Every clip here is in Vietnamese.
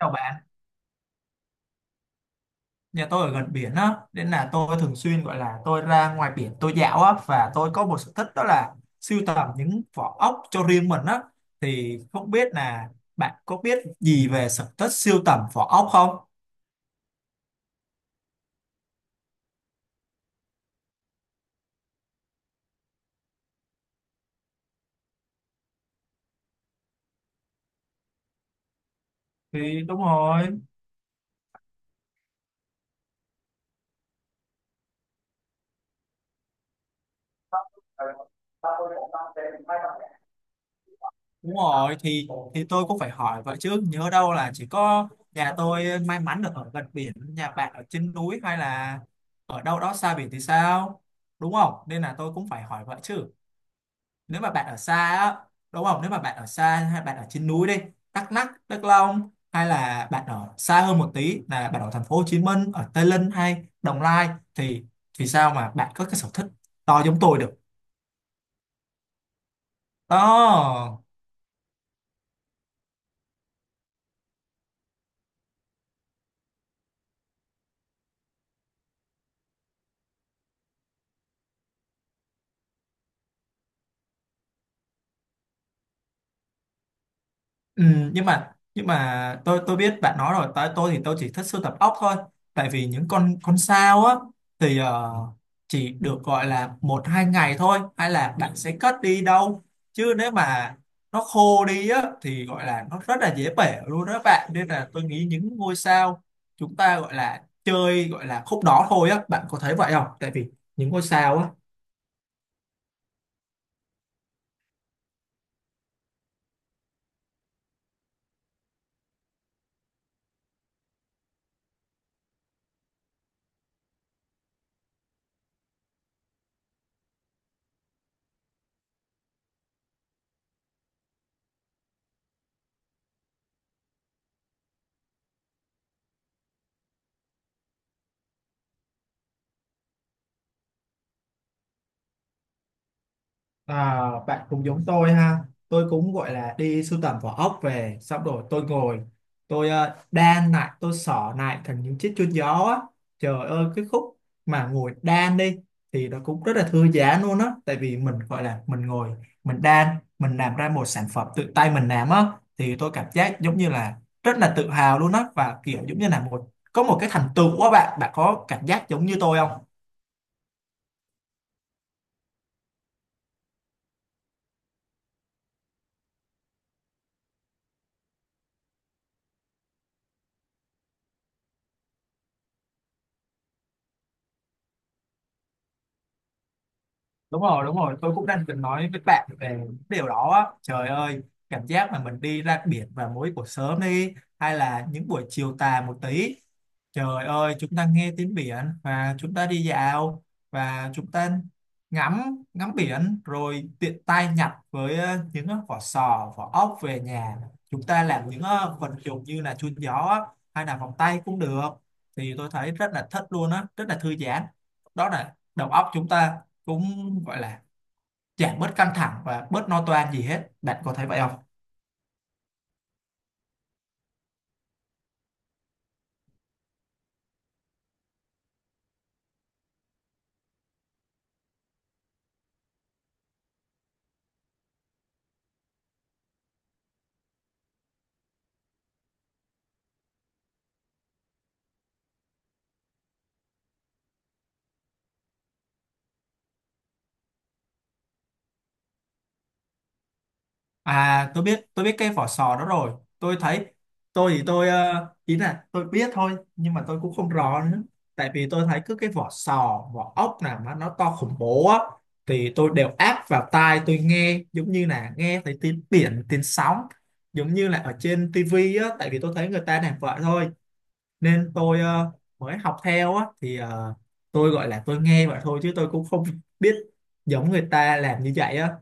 Chào bạn, nhà tôi ở gần biển á, nên là tôi thường xuyên gọi là tôi ra ngoài biển tôi dạo á, và tôi có một sở thích đó là sưu tầm những vỏ ốc cho riêng mình á. Thì không biết là bạn có biết gì về sở thích sưu tầm vỏ ốc không? Thì đúng rồi, đúng rồi, thì tôi cũng phải hỏi vậy chứ, nhớ đâu là chỉ có nhà tôi may mắn được ở gần biển, nhà bạn ở trên núi hay là ở đâu đó xa biển thì sao? Đúng không? Nên là tôi cũng phải hỏi vậy chứ. Nếu mà bạn ở xa á, đúng không, nếu mà bạn ở xa hay bạn ở trên núi đi, Đắk Lắk, Đắk Nông, hay là bạn ở xa hơn một tí là bạn ở thành phố Hồ Chí Minh, ở Tây Ninh hay Đồng Nai, thì sao mà bạn có cái sở thích to giống tôi được. Đó. Ừ, nhưng mà tôi biết bạn nói rồi, tại tôi thì tôi chỉ thích sưu tập ốc thôi, tại vì những con sao á thì chỉ được gọi là một hai ngày thôi, hay là bạn sẽ cất đi đâu, chứ nếu mà nó khô đi á thì gọi là nó rất là dễ bể luôn đó bạn, nên là tôi nghĩ những ngôi sao chúng ta gọi là chơi gọi là khúc đó thôi á, bạn có thấy vậy không, tại vì những ngôi sao á. À, bạn cũng giống tôi ha, tôi cũng gọi là đi sưu tầm vỏ ốc về, xong rồi tôi ngồi tôi đan lại, tôi xỏ lại thành những chiếc chuông gió á. Trời ơi, cái khúc mà ngồi đan đi thì nó cũng rất là thư giãn luôn á, tại vì mình gọi là mình ngồi mình đan, mình làm ra một sản phẩm tự tay mình làm á, thì tôi cảm giác giống như là rất là tự hào luôn á, và kiểu giống như là có một cái thành tựu á bạn. Bạn có cảm giác giống như tôi không? Đúng rồi, đúng rồi, tôi cũng đang định nói với bạn về điều đó á. Trời ơi, cảm giác mà mình đi ra biển vào mỗi buổi sớm đi hay là những buổi chiều tà một tí. Trời ơi, chúng ta nghe tiếng biển và chúng ta đi dạo và chúng ta ngắm ngắm biển rồi tiện tay nhặt với những vỏ sò, vỏ ốc về nhà. Chúng ta làm những vật dụng như là chun gió á, hay là vòng tay cũng được. Thì tôi thấy rất là thích luôn á, rất là thư giãn. Đó là đầu óc chúng ta cũng gọi là giảm bớt căng thẳng và bớt lo toan gì hết. Bạn có thấy vậy không? À, tôi biết, tôi biết cái vỏ sò đó rồi, tôi thấy tôi thì tôi ý là tôi biết thôi, nhưng mà tôi cũng không rõ nữa, tại vì tôi thấy cứ cái vỏ sò vỏ ốc nào mà nó to khủng bố á, thì tôi đều áp vào tai tôi nghe, giống như là nghe thấy tiếng biển, tiếng sóng, giống như là ở trên tivi á, tại vì tôi thấy người ta làm vậy thôi nên tôi mới học theo á, thì tôi gọi là tôi nghe vậy thôi, chứ tôi cũng không biết giống người ta làm như vậy á.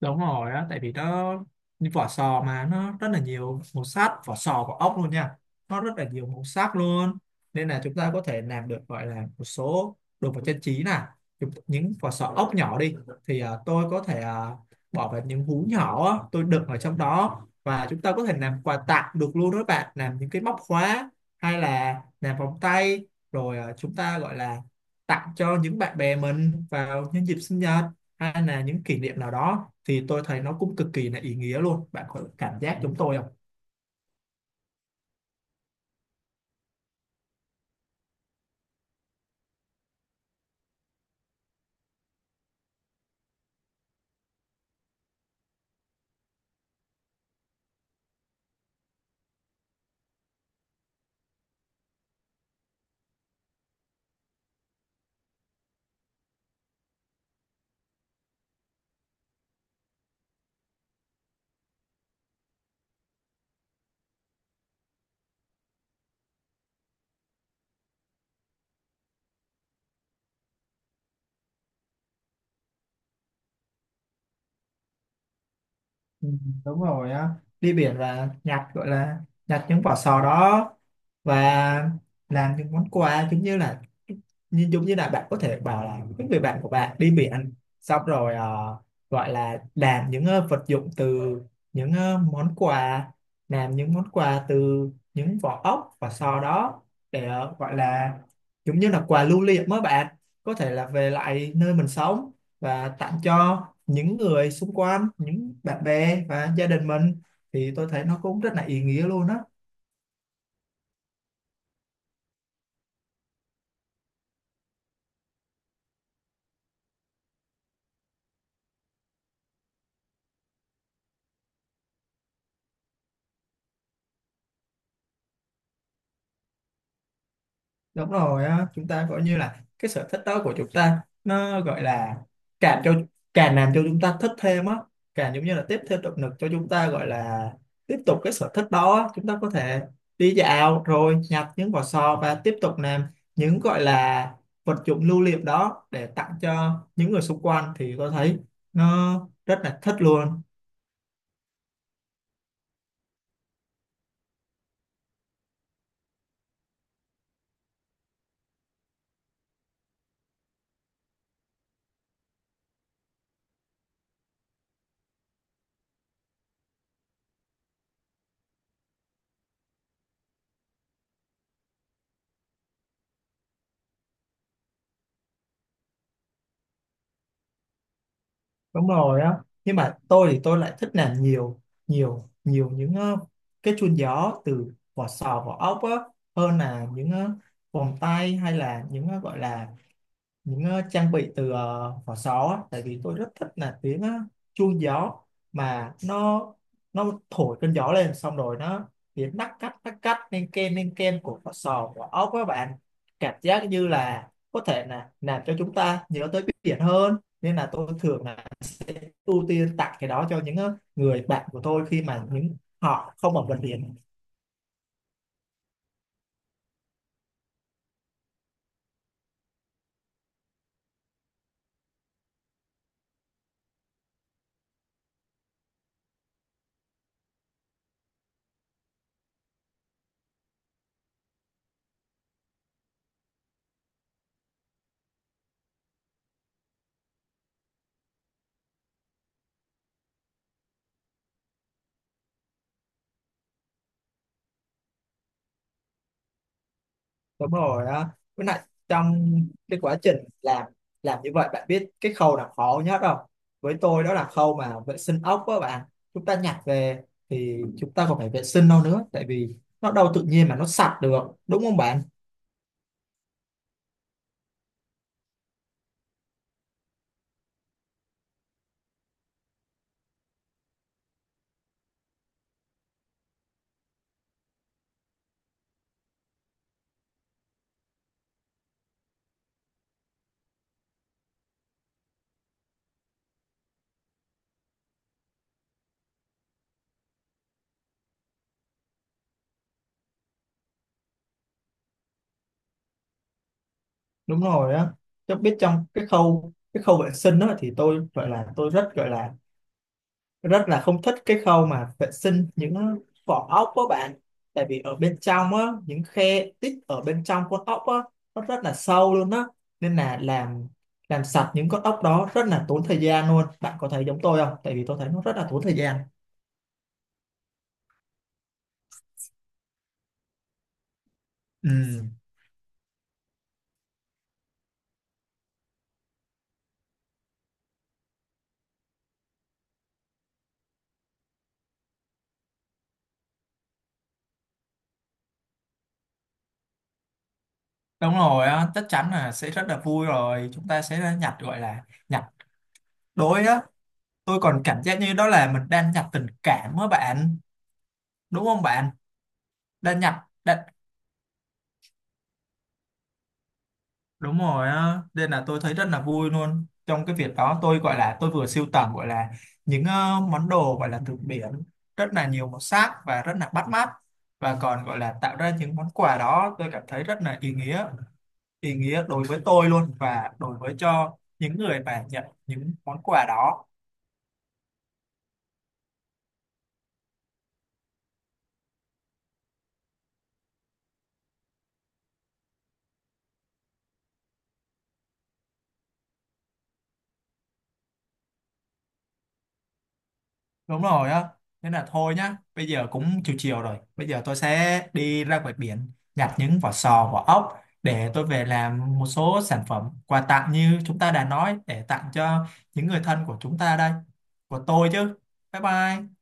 Đúng rồi á, tại vì nó như vỏ sò mà nó rất là nhiều màu sắc, vỏ sò vỏ ốc luôn nha, nó rất là nhiều màu sắc luôn, nên là chúng ta có thể làm được gọi là một số đồ vật trang trí nè. Chúng- những vỏ sò ốc nhỏ đi thì à, tôi có thể à, bỏ vào những hú nhỏ á, tôi đựng ở trong đó, và chúng ta có thể làm quà tặng được luôn đó các bạn, làm những cái móc khóa hay là làm vòng tay, rồi à, chúng ta gọi là tặng cho những bạn bè mình vào nhân dịp sinh nhật hay là những kỷ niệm nào đó, thì tôi thấy nó cũng cực kỳ là ý nghĩa luôn. Bạn có cảm giác giống tôi không? Ừ, đúng rồi á, đi biển là nhặt gọi là nhặt những vỏ sò đó và làm những món quà, giống như là giống như là bạn có thể bảo là những người bạn của bạn đi biển, xong rồi gọi là làm những vật dụng từ những món quà, làm những món quà từ những vỏ ốc, và sau đó để gọi là giống như là quà lưu niệm, mới bạn có thể là về lại nơi mình sống và tặng cho những người xung quanh, những bạn bè và gia đình mình, thì tôi thấy nó cũng rất là ý nghĩa luôn á. Đúng rồi á, chúng ta gọi như là cái sở thích đó của chúng ta nó gọi là càng cho càng làm cho chúng ta thích thêm á, càng giống như là tiếp thêm động lực cho chúng ta, gọi là tiếp tục cái sở thích đó á. Chúng ta có thể đi dạo rồi nhặt những vỏ sò và tiếp tục làm những gọi là vật dụng lưu niệm đó để tặng cho những người xung quanh, thì có thấy nó rất là thích luôn. Đúng rồi á, nhưng mà tôi thì tôi lại thích làm nhiều, nhiều những cái chuông gió từ vỏ sò vỏ ốc á, hơn là những vòng tay hay là những gọi là những trang bị từ vỏ sò á, tại vì tôi rất thích là tiếng chuông gió, mà nó thổi cơn gió lên, xong rồi nó tiếng nắc cắt nắc cắt, nên ken của vỏ sò, của ốc, các bạn cảm giác như là có thể là làm cho chúng ta nhớ tới biển hơn, nên là tôi thường là sẽ ưu tiên tặng cái đó cho những người bạn của tôi khi mà những họ không ở gần biển. Đúng rồi á, với lại trong cái quá trình làm làm như vậy, bạn biết cái khâu nào khó nhất không? Với tôi đó là khâu mà vệ sinh ốc á bạn, chúng ta nhặt về thì chúng ta còn phải vệ sinh đâu nữa, tại vì nó đâu tự nhiên mà nó sạch được, đúng không bạn? Đúng rồi á, tôi biết trong cái khâu, cái khâu vệ sinh đó thì tôi gọi là tôi rất gọi là rất là không thích cái khâu mà vệ sinh những vỏ ốc của bạn, tại vì ở bên trong á, những khe tích ở bên trong con ốc á, nó rất là sâu luôn á, nên là làm sạch những con ốc đó rất là tốn thời gian luôn. Bạn có thấy giống tôi không, tại vì tôi thấy nó rất là tốn thời gian. Ừ, đúng rồi á, chắc chắn là sẽ rất là vui rồi. Chúng ta sẽ nhặt gọi là nhặt đối á. Tôi còn cảm giác như đó là mình đang nhặt tình cảm á bạn. Đúng không bạn? Đang nhặt, đang, đúng rồi á, nên là tôi thấy rất là vui luôn. Trong cái việc đó tôi gọi là tôi vừa sưu tầm gọi là những món đồ gọi là từ biển, rất là nhiều màu sắc và rất là bắt mắt, và còn gọi là tạo ra những món quà đó, tôi cảm thấy rất là ý nghĩa đối với tôi luôn và đối với cho những người mà nhận những món quà đó. Đúng rồi á, nên là thôi nhá, bây giờ cũng chiều chiều rồi, bây giờ tôi sẽ đi ra ngoài biển nhặt những vỏ sò vỏ ốc để tôi về làm một số sản phẩm quà tặng như chúng ta đã nói, để tặng cho những người thân của chúng ta đây, của tôi chứ. Bye bye.